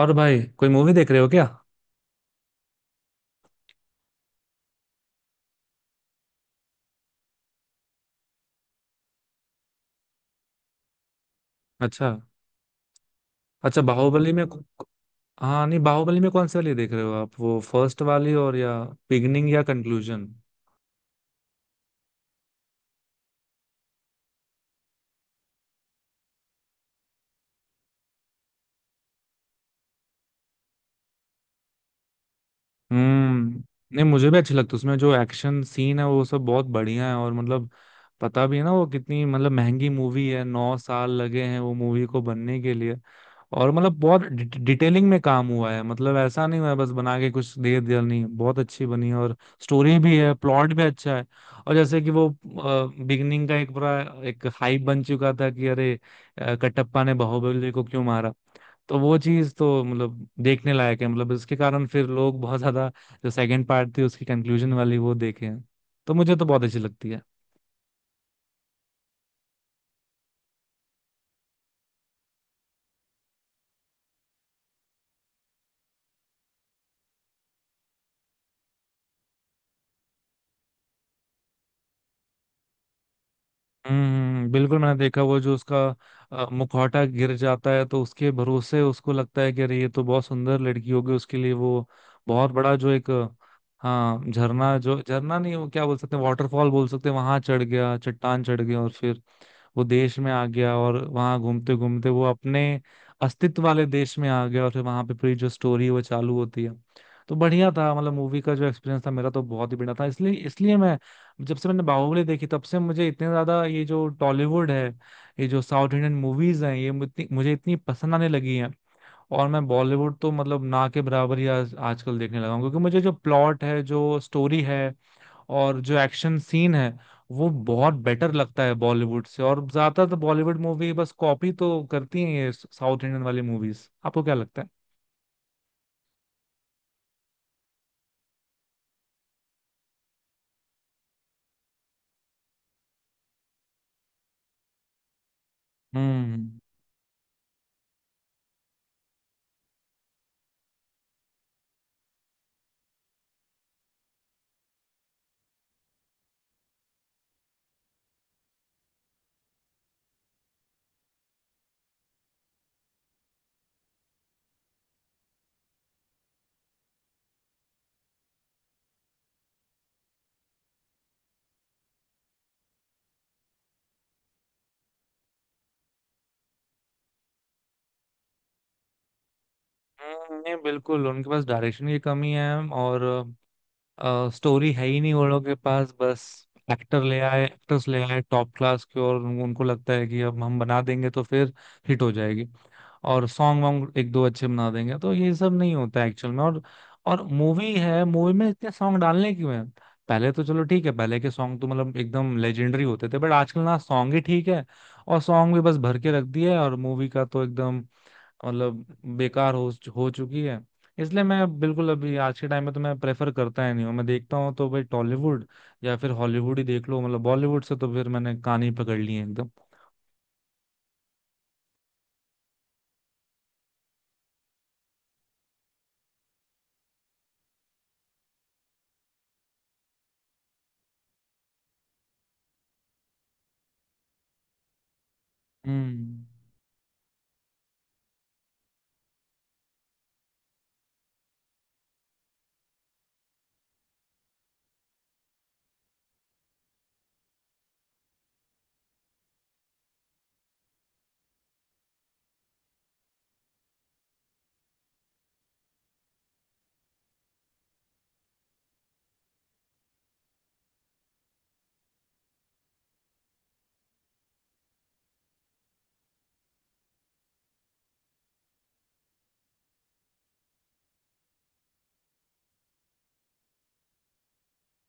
और भाई, कोई मूवी देख रहे हो क्या? अच्छा। अच्छा, बाहुबली में हाँ, नहीं, बाहुबली में कौन सी वाली देख रहे हो आप? वो फर्स्ट वाली, और या बिगनिंग या कंक्लूजन? हम्म। नहीं, मुझे भी अच्छी लगती है। उसमें जो एक्शन सीन है वो सब बहुत बढ़िया है। और मतलब पता भी है ना वो कितनी मतलब महंगी मूवी है। 9 साल लगे हैं वो मूवी को बनने के लिए। और मतलब बहुत डिटेलिंग में काम हुआ है, मतलब ऐसा नहीं हुआ है बस बना के कुछ दे दिया। नहीं, बहुत अच्छी बनी है और स्टोरी भी है, प्लॉट भी अच्छा है। और जैसे कि वो बिगनिंग का एक बड़ा एक हाइप बन चुका था कि अरे कटप्पा ने बाहुबली को क्यों मारा। तो वो चीज तो मतलब देखने लायक है, मतलब इसके कारण फिर लोग बहुत ज्यादा जो सेकंड पार्ट थी उसकी कंक्लूजन वाली वो देखे हैं। तो मुझे तो बहुत अच्छी लगती है। हम्म, बिल्कुल मैंने देखा। वो जो उसका मुखौटा गिर जाता है तो उसके भरोसे उसको लगता है कि अरे ये तो बहुत सुंदर लड़की होगी, उसके लिए वो बहुत बड़ा जो एक हाँ, झरना, जो झरना नहीं वो क्या बोल सकते हैं, वाटरफॉल बोल सकते हैं, वहां चढ़ गया, चट्टान चढ़ गया और फिर वो देश में आ गया, और वहां घूमते घूमते वो अपने अस्तित्व वाले देश में आ गया और फिर वहां पे पूरी जो स्टोरी है वो चालू होती है। तो बढ़िया था, मतलब मूवी का जो एक्सपीरियंस था मेरा तो बहुत ही बढ़िया था। इसलिए इसलिए मैं, जब से मैंने बाहुबली देखी तब से मुझे इतने ज्यादा ये जो टॉलीवुड है, ये जो साउथ इंडियन मूवीज हैं, ये मुझे मुझे इतनी पसंद आने लगी हैं। और मैं बॉलीवुड तो मतलब ना के बराबर ही आज आजकल देखने लगा हूँ क्योंकि मुझे जो प्लॉट है, जो स्टोरी है और जो एक्शन सीन है वो बहुत बेटर लगता है बॉलीवुड से। और ज्यादातर तो बॉलीवुड मूवी बस कॉपी तो करती हैं ये साउथ इंडियन वाली मूवीज। आपको क्या लगता है? हम्म। नहीं, बिल्कुल उनके पास डायरेक्शन की कमी है। और स्टोरी है ही नहीं उन लोगों के पास। बस एक्टर ले आए, एक्टर्स ले आए टॉप क्लास के, और उनको लगता है कि अब हम बना देंगे तो फिर हिट हो जाएगी। और सॉन्ग वॉन्ग एक दो अच्छे बना देंगे तो ये सब नहीं होता एक्चुअल में। और मूवी है, मूवी में इतने सॉन्ग डालने क्यों हैं? पहले तो चलो ठीक है, पहले के सॉन्ग तो मतलब एकदम लेजेंडरी होते थे, बट आजकल ना सॉन्ग ही ठीक है और सॉन्ग भी बस भर के रख दिए है, और मूवी का तो एकदम, मतलब बेकार हो चुकी है। इसलिए मैं बिल्कुल अभी आज के टाइम में तो मैं प्रेफर करता ही नहीं हूँ। मैं देखता हूँ तो भाई टॉलीवुड या फिर हॉलीवुड ही देख लो, मतलब बॉलीवुड से तो फिर मैंने कान ही पकड़ लिए हैं एकदम। हम्म।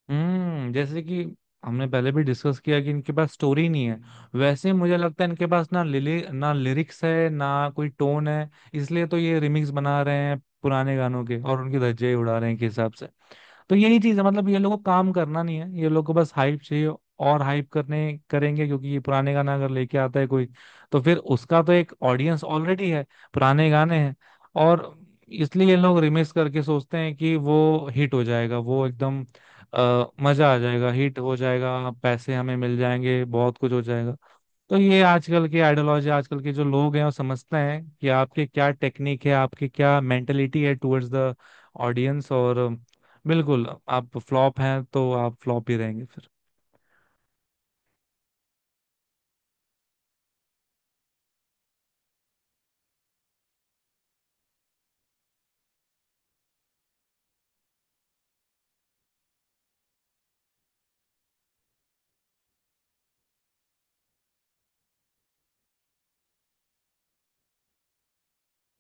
हम्म, जैसे कि हमने पहले भी डिस्कस किया कि इनके पास स्टोरी नहीं है, वैसे ही मुझे लगता है इनके पास ना लिली, ना लिरिक्स है, ना कोई टोन है। इसलिए तो ये रिमिक्स बना रहे हैं पुराने गानों के और उनके धज्जे ही उड़ा रहे हैं, के हिसाब से। तो यही चीज है, मतलब ये लोगों को काम करना नहीं है, ये लोग को बस हाइप चाहिए। और हाइप करने करेंगे क्योंकि ये पुराने गाना अगर लेके आता है कोई तो फिर उसका तो एक ऑडियंस ऑलरेडी है, पुराने गाने हैं। और इसलिए ये लोग रिमिक्स करके सोचते हैं कि वो हिट हो जाएगा, वो एकदम मजा आ जाएगा, हिट हो जाएगा, पैसे हमें मिल जाएंगे, बहुत कुछ हो जाएगा। तो ये आजकल के आइडियोलॉजी आजकल के जो लोग हैं वो समझते हैं कि आपके क्या टेक्निक है, आपकी क्या मेंटेलिटी है टुवर्ड्स द ऑडियंस। और बिल्कुल आप फ्लॉप हैं तो आप फ्लॉप ही रहेंगे फिर।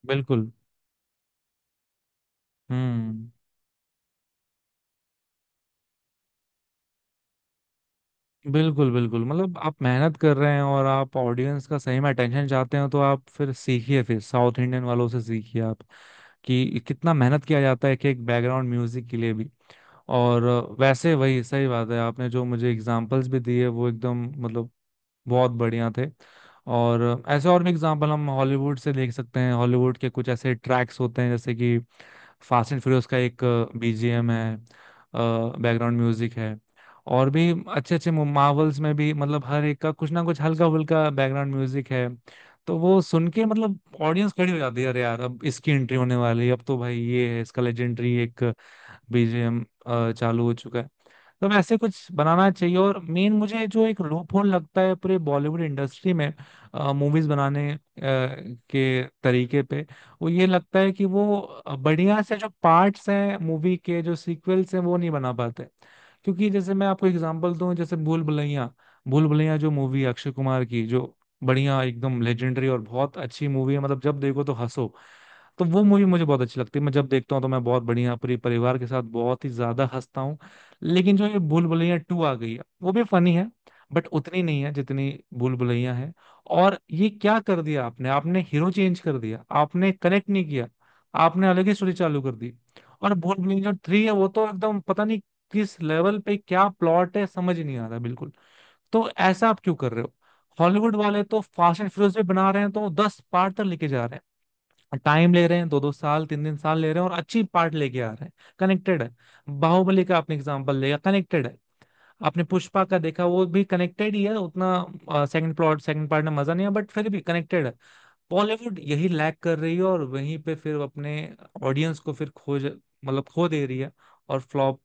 बिल्कुल। हम्म। बिल्कुल, बिल्कुल, मतलब आप मेहनत कर रहे हैं और आप ऑडियंस का सही में अटेंशन चाहते हो तो आप फिर सीखिए, फिर साउथ इंडियन वालों से सीखिए आप कि कितना मेहनत किया जाता है एक एक बैकग्राउंड म्यूजिक के लिए भी। और वैसे, वही सही बात है, आपने जो मुझे एग्जांपल्स भी दिए वो एकदम, मतलब बहुत बढ़िया थे। और ऐसे और भी एग्जांपल हम हॉलीवुड से देख सकते हैं। हॉलीवुड के कुछ ऐसे ट्रैक्स होते हैं जैसे कि फास्ट एंड फ्यूरियस का एक बीजीएम है, बैकग्राउंड म्यूजिक है। और भी अच्छे अच्छे मार्वल्स में भी मतलब हर एक का कुछ ना कुछ हल्का फुल्का बैकग्राउंड म्यूजिक है। तो वो सुन के मतलब ऑडियंस खड़ी हो जाती है, अरे यार अब इसकी एंट्री होने वाली है, अब तो भाई ये है इसका लेजेंडरी एक बीजीएम चालू हो चुका है। तो हम ऐसे कुछ बनाना चाहिए। और मेन मुझे जो एक लूप होल लगता है पूरे बॉलीवुड इंडस्ट्री में मूवीज बनाने के तरीके पे, वो ये लगता है कि वो बढ़िया से जो पार्ट्स हैं मूवी के, जो सीक्वल्स हैं वो नहीं बना पाते। क्योंकि जैसे मैं आपको एग्जांपल दूं, जैसे भूल भुलैया, भूल भुलैया जो मूवी अक्षय कुमार की, जो बढ़िया एकदम लेजेंडरी और बहुत अच्छी मूवी है, मतलब जब देखो तो हंसो। तो वो मूवी मुझे बहुत अच्छी लगती है, मैं जब देखता हूँ तो मैं बहुत बढ़िया पूरे परिवार के साथ बहुत ही ज्यादा हंसता हूँ। लेकिन जो ये भूल भुलैया टू आ गई है वो भी फनी है, बट उतनी नहीं है जितनी भूल भुलैया है। और ये क्या कर दिया आपने, आपने हीरो चेंज कर दिया, आपने कनेक्ट नहीं किया, आपने अलग ही स्टोरी चालू कर दी। और भूल भुलैया जो थ्री है वो तो एकदम पता नहीं किस लेवल पे क्या प्लॉट है, समझ ही नहीं आ रहा बिल्कुल। तो ऐसा आप क्यों कर रहे हो? हॉलीवुड वाले तो फास्ट एंड फ्यूरियस भी बना रहे हैं तो 10 पार्ट तक लेके जा रहे हैं। टाइम ले रहे हैं, दो दो साल तीन तीन साल ले रहे हैं और अच्छी पार्ट लेके आ रहे हैं, कनेक्टेड है। बाहुबली का आपने एग्जांपल लिया, कनेक्टेड है। आपने पुष्पा का देखा, वो भी कनेक्टेड ही है, उतना सेकंड प्लॉट, सेकंड पार्ट में मजा नहीं है, बट फिर भी कनेक्टेड है। बॉलीवुड यही लैक कर रही है और वहीं पे फिर अपने ऑडियंस को फिर खोज, मतलब खो दे रही है। और फ्लॉप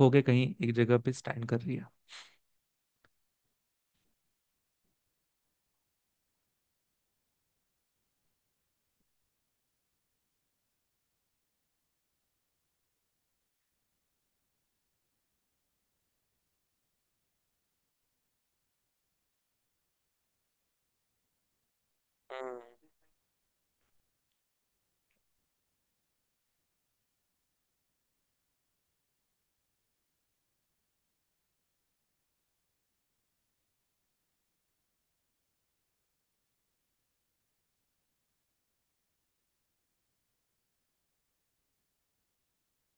होके कहीं एक जगह पे स्टैंड कर रही है। हम्म।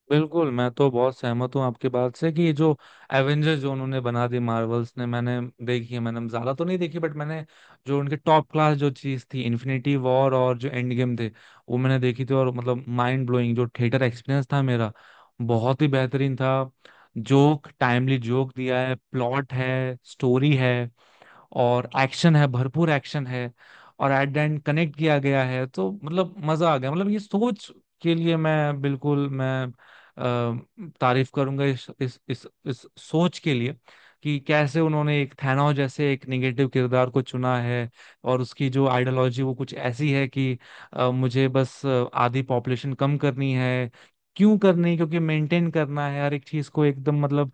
बिल्कुल, मैं तो बहुत सहमत हूँ आपकी बात से कि ये जो एवेंजर्स जो उन्होंने बना दी मार्वल्स ने, मैंने देखी है। मैंने ज्यादा तो नहीं देखी, बट मैंने जो उनके टॉप क्लास जो चीज थी इन्फिनिटी वॉर और जो एंड गेम थे, वो मैंने देखी थी। और मतलब माइंड ब्लोइंग जो थिएटर एक्सपीरियंस था मेरा बहुत ही बेहतरीन था। जोक, टाइमली जोक दिया है, प्लॉट है, स्टोरी है, और एक्शन है, भरपूर एक्शन है। और एट द एंड कनेक्ट किया गया है तो मतलब मजा आ गया, मतलब ये सोच के लिए मैं बिल्कुल मैं तारीफ करूंगा इस सोच के लिए कि कैसे उन्होंने एक थैनोस जैसे एक निगेटिव किरदार को चुना है और उसकी जो आइडियोलॉजी वो कुछ ऐसी है कि मुझे बस आधी पॉपुलेशन कम करनी है। क्यों करनी? क्योंकि मेंटेन करना है हर एक चीज को एकदम, मतलब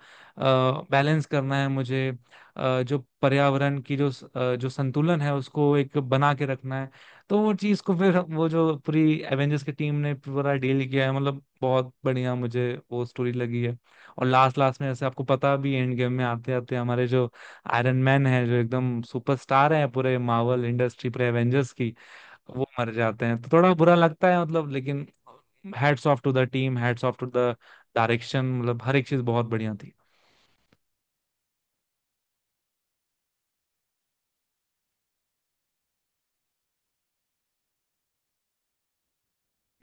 बैलेंस करना है मुझे। जो पर्यावरण की जो जो संतुलन है उसको एक बना के रखना है। तो वो चीज को फिर वो जो पूरी एवेंजर्स की टीम ने पूरा डील किया है, मतलब बहुत बढ़िया मुझे वो स्टोरी लगी है। और लास्ट लास्ट में ऐसे आपको पता भी, एंड गेम में आते आते हमारे जो आयरन मैन है जो एकदम सुपरस्टार है पूरे मार्वल इंडस्ट्री पूरे एवेंजर्स की, वो मर जाते हैं तो थोड़ा बुरा लगता है, मतलब। लेकिन hats off to the team, hats off to the direction, मतलब हर एक चीज बहुत बढ़िया थी।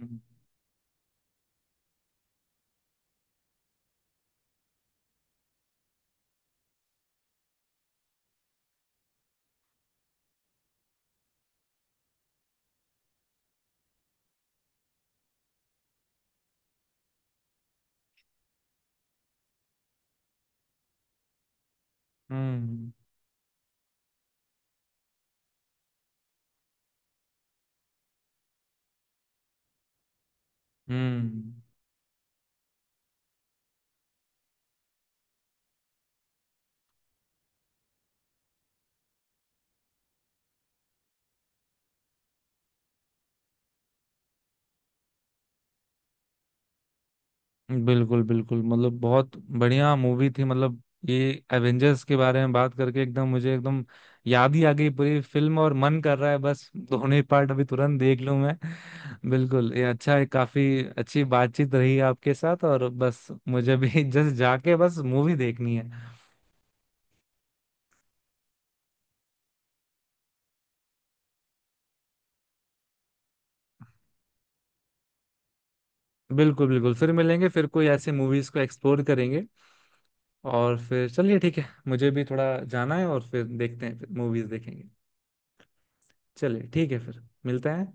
हम्म। हम्म। हम्म। बिल्कुल, बिल्कुल, मतलब बहुत बढ़िया मूवी थी, मतलब। ये एवेंजर्स के बारे में बात करके एकदम मुझे एकदम याद ही आ गई पूरी फिल्म और मन कर रहा है बस दोनों पार्ट अभी तुरंत देख लूं मैं। बिल्कुल ये अच्छा है, काफी अच्छी बातचीत रही आपके साथ और बस मुझे भी जस्ट जाके बस मूवी देखनी है। बिल्कुल, बिल्कुल, फिर मिलेंगे, फिर कोई ऐसे मूवीज को एक्सप्लोर करेंगे। और फिर चलिए ठीक है, मुझे भी थोड़ा जाना है और फिर देखते हैं, फिर मूवीज देखेंगे। चलिए ठीक है, फिर मिलते हैं।